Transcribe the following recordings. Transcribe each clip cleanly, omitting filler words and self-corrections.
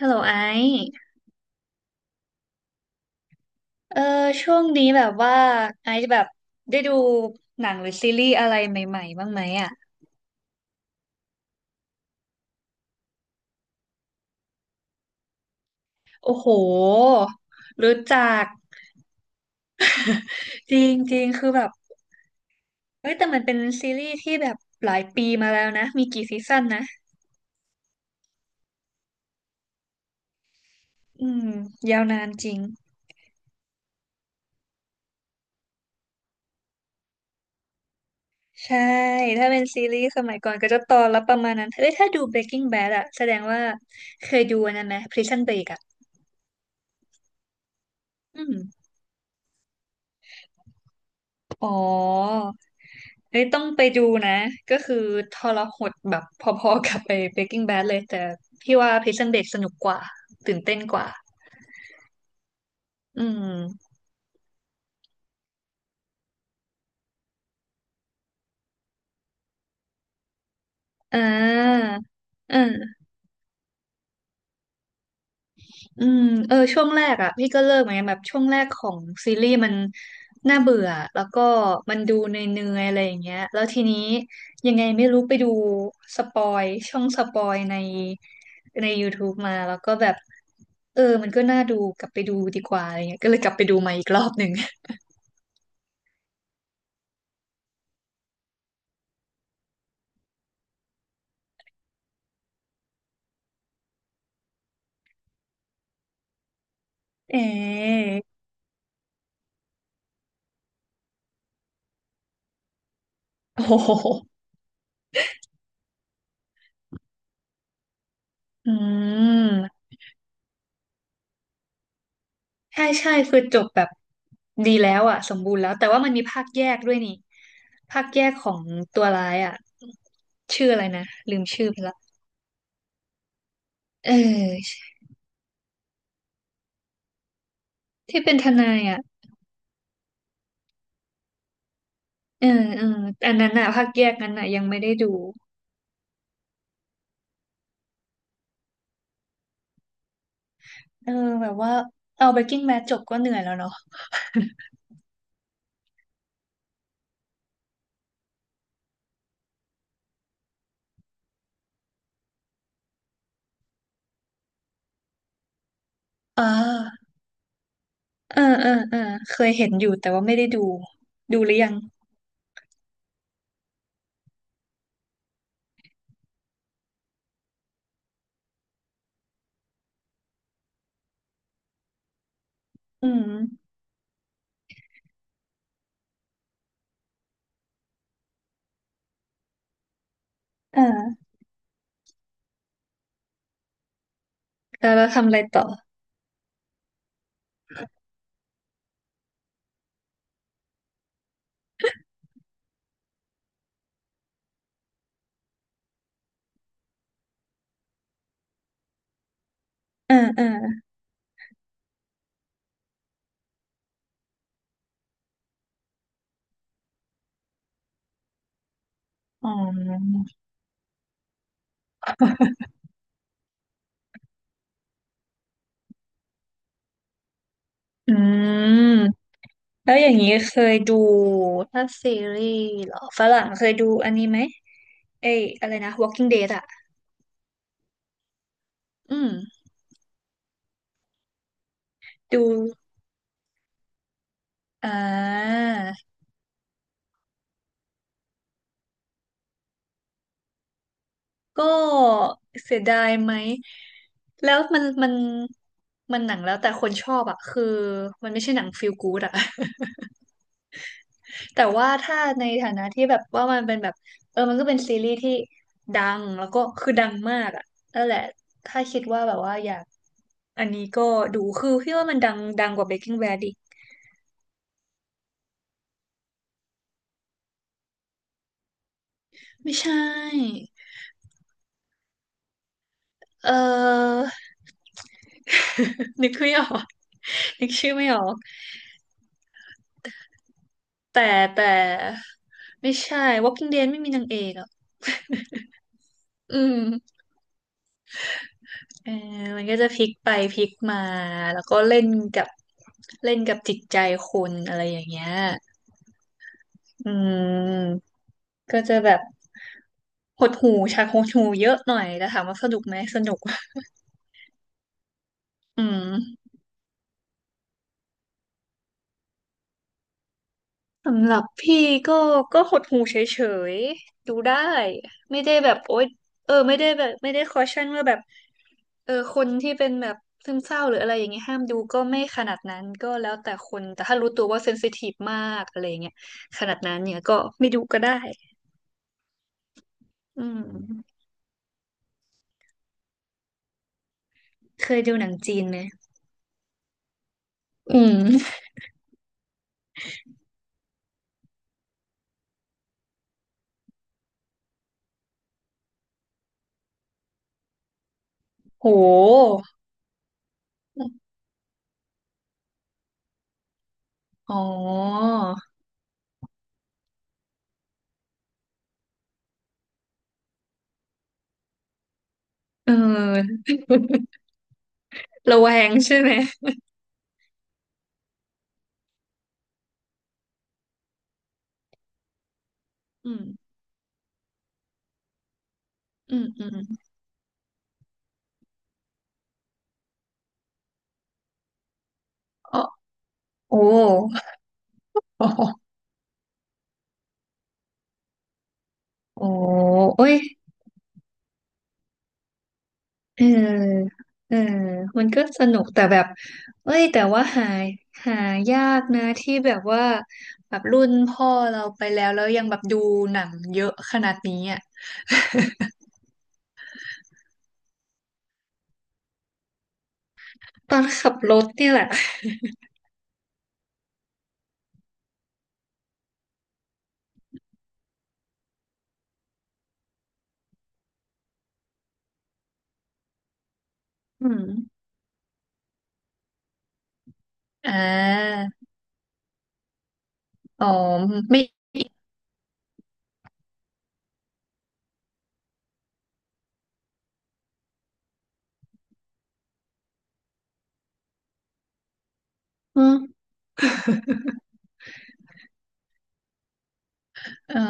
ฮัลโหลไอซ์เออช่วงนี้แบบว่าไอซ์แบบได้ดูหนังหรือซีรีส์อะไรใหม่ๆบ้างไหมอ่ะโอ้โหรู้จักจริงๆคือแบบเฮ้ยแต่มันเป็นซีรีส์ที่แบบหลายปีมาแล้วนะมีกี่ซีซั่นนะอืมยาวนานจริงใช่ถ้าเป็นซีรีส์สมัยก่อนก็จะตอนละประมาณนั้นเฮ้ยถ้าดู Breaking Bad อะแสดงว่าเคยดูอันนั้นไหม Prison Break อะอืมอ๋อ เอ้ยต้องไปดูนะก็คือทรหดแบบพอๆกับไป Breaking Bad เลยแต่พี่ว่า Prison Break สนุกกว่าตื่นเต้นกว่าอืมอ่าเอออืมเออช่วงแรกอ่ะพี่ก็เลิกเหมือนกันแบบช่วงแรกของซีรีส์มันน่าเบื่อแล้วก็มันดูเนื่อยๆอะไรอย่างเงี้ยแล้วทีนี้ยังไงไม่รู้ไปดูสปอยช่องสปอยใน YouTube มาแล้วก็แบบเออมันก็น่าดูกลับไปดูดีกว่าอะไรเงี้ยก็เลยกลับไปดูมาอีกรอบหนึ่ง เอ๋โอ้โหอืมใช่ใช่คือจบแบบดีแล้วอ่ะสมบูรณ์แล้วแต่ว่ามันมีภาคแยกด้วยนี่ภาคแยกของตัวร้ายอ่ะชื่ออะไรนะลืมชื่อไปละเออที่เป็นทนายอ่ะเออเอออันนั้นอ่ะภาคแยกนั้นอ่ะยังไม่ได้ดูเออแบบว่าเอา Breaking Bad จบก็เหนื่อยแล้วเนาะอ่าเออเออเออเคยเห็นอยู่แต่ว่าไม่ได้ดูดูหรือยังอืมอ่าแล้วเราทำอะไรต่ออ่าออ อ๋ออืมแล้วอย่างนี้เคยดูถ้าซีรีส์เหรอฝรั่งเคยดูอันนี้ไหมเอ้ยอะไรนะ Walking Dead อะอืมดูอ่าก็เสียดายไหมแล้วมันหนังแล้วแต่คนชอบอะคือมันไม่ใช่หนังฟีลกู๊ดอะ แต่ว่าถ้าในฐานะที่แบบว่ามันเป็นแบบเออมันก็เป็นซีรีส์ที่ดังแล้วก็คือดังมากอะนั่นแหละถ้าคิดว่าแบบว่าอยาก อันนี้ก็ดูคือพี่ว่ามันดังกว่า Breaking Bad อีกไม่ใช่เออ นึกไม่ออกนึกชื่อไม่ออกแต่แต่ไม่ใช่ Walking Dead ไม่มีนางเอกอ่ะอืมเออมันก็จะพลิกไปพลิกมาแล้วก็กับเล่นกับจิตใจคนอะไรอย่างเงี้ยอืมก็จะแบบหดหู่ฉากหดหู่เยอะหน่อยแต่ถามว่าสนุกไหมสนุกอืม สำหรับพี่ก็ก็หดหูเฉยๆดูได้ไม่ได้แบบโอ๊ยเออไม่ได้แบบไม่ได้คอชั่นว่าแบบเออคนที่เป็นแบบซึมเศร้าหรืออะไรอย่างเงี้ยห้ามดูก็ไม่ขนาดนั้นก็แล้วแต่คนแต่ถ้ารู้ตัวว่าเซนซิทีฟมากอะไรอย่างเงี้ยขนาดนั้นเนี่ยก็ไม่ดูก็ได้อืมเคยดูหนังจีนไหมอืมโหอ๋อเออระแวงใช่ไหมอืมอืมอืมอ๋อโอ้ โอ้โอ้ยเออเออมันก็สนุกแต่แบบเอ้ยแต่ว่าหายากนะที่แบบว่าแบบรุ่นพ่อเราไปแล้วแล้วยังแบบดูหนังเยอะขนาดนี้อ่ะตอนขับรถเนี่ยแหละอืมอ่าอ๋อไม่อืมอ๋อ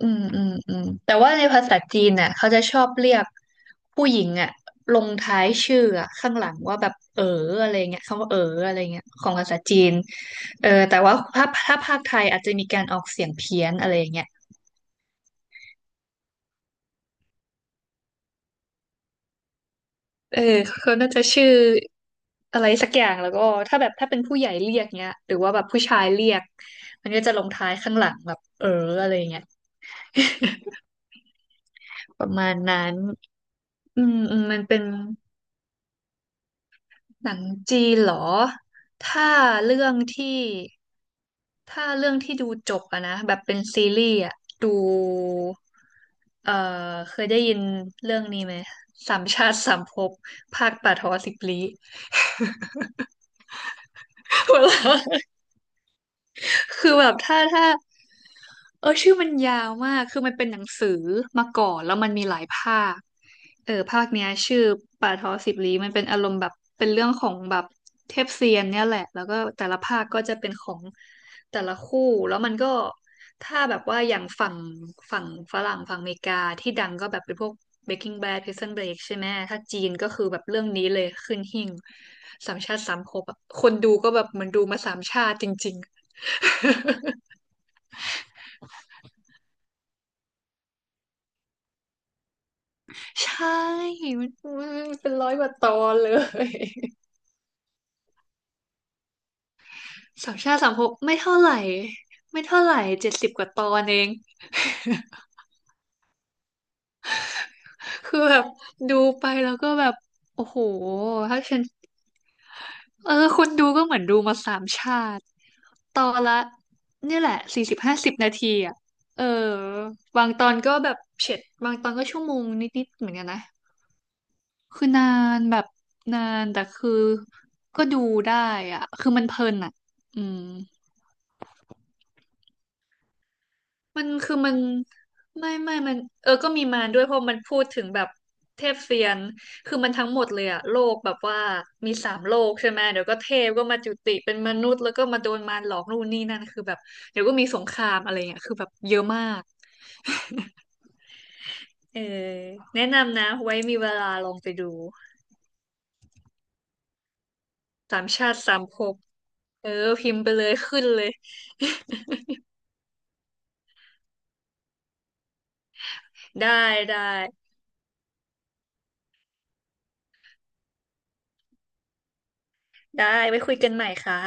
อืมอืมอืมแต่ว่าในภาษาจีนน่ะเขาจะชอบเรียกผู้หญิงอ่ะลงท้ายชื่ออะข้างหลังว่าแบบเอออะไรเงี้ยคำว่าเอออะไรเงี้ยของภาษาจีนเออแต่ว่าถ้าภาคไทยอาจจะมีการออกเสียงเพี้ยนอะไรเงี้ยเออเขาน่าจะชื่ออะไรสักอย่างแล้วก็ถ้าแบบถ้าเป็นผู้ใหญ่เรียกเงี้ยหรือว่าแบบผู้ชายเรียกมันก็จะลงท้ายข้างหลังแบบเอออะไรเงี้ย ประมาณนั้นอืมอืมมันเป็น หนังจีนเหรอ ถ้าเรื่องที่ถ้าเรื่องที่ดูจบอะนะแบบเป็นซีรีส์อะดูเอ่อเคยได้ยินเรื่องนี้ไหมสามชาติสามภพภาคป่าทอสิบลี้ หัวเราะ คือแบบถ้าเออชื่อมันยาวมาก คือมันเป็นหนังสือมาก่อนแล้วมันมีหลายภาคเออภาคเนี้ยชื่อป่าทอสิบลี้มันเป็นอารมณ์แบบเป็นเรื่องของแบบเทพเซียนเนี่ยแหละ แล้วก็แต่ละภาคก็จะเป็นของแต่ละคู่ แล้วมันก็ถ้าแบบว่าอย่างฝั่งฝั่งฝรั่งฝั่งอเมริกาที่ดังก็แบบเป็นพวก Breaking Bad Prison Break ใช่ไหม ถ้าจีนก็คือแบบเรื่องนี้เลยขึ้นหิ้งสามชาติสามภพอะคนดูก็แบบเหมันดูมาสามชาติจริง ใช่มันมันเป็น100 กว่าตอนเลยสามชาติสามภพไม่เท่าไหร่ไม่เท่าไหร่70 กว่าตอนเองคือแบบดูไปแล้วก็แบบโอ้โหถ้าฉันเออคนดูก็เหมือนดูมาสามชาติตอนละเนี่ยแหละ40-50 นาทีอ่ะเออบางตอนก็แบบเฉ็ดบางตอนก็ชั่วโมงนิดๆเหมือนกันนะคือนานแบบนานแต่คือก็ดูได้อ่ะคือมันเพลินอ่ะอืม มันคือมันไม่มันเออก็มีมารด้วยเพราะมันพูดถึงแบบเทพเซียนคือมันทั้งหมดเลยอะโลกแบบว่ามีสามโลกใช่ไหมเดี๋ยวก็เทพก็มาจุติเป็นมนุษย์แล้วก็มาโดนมารหลอกนู่นนี่นั่นคือแบบเดี๋ยวก็มีสงครามอะไรเงี้ยคือแบบเยอะมากเออแนะนำนะไว้มีเวลาลองไปดูสามชาติสามภพเออพิมพ์ไปเลยขึ้นเลยได้ได้ได้ไว้คุยกันใหม่ค่ะ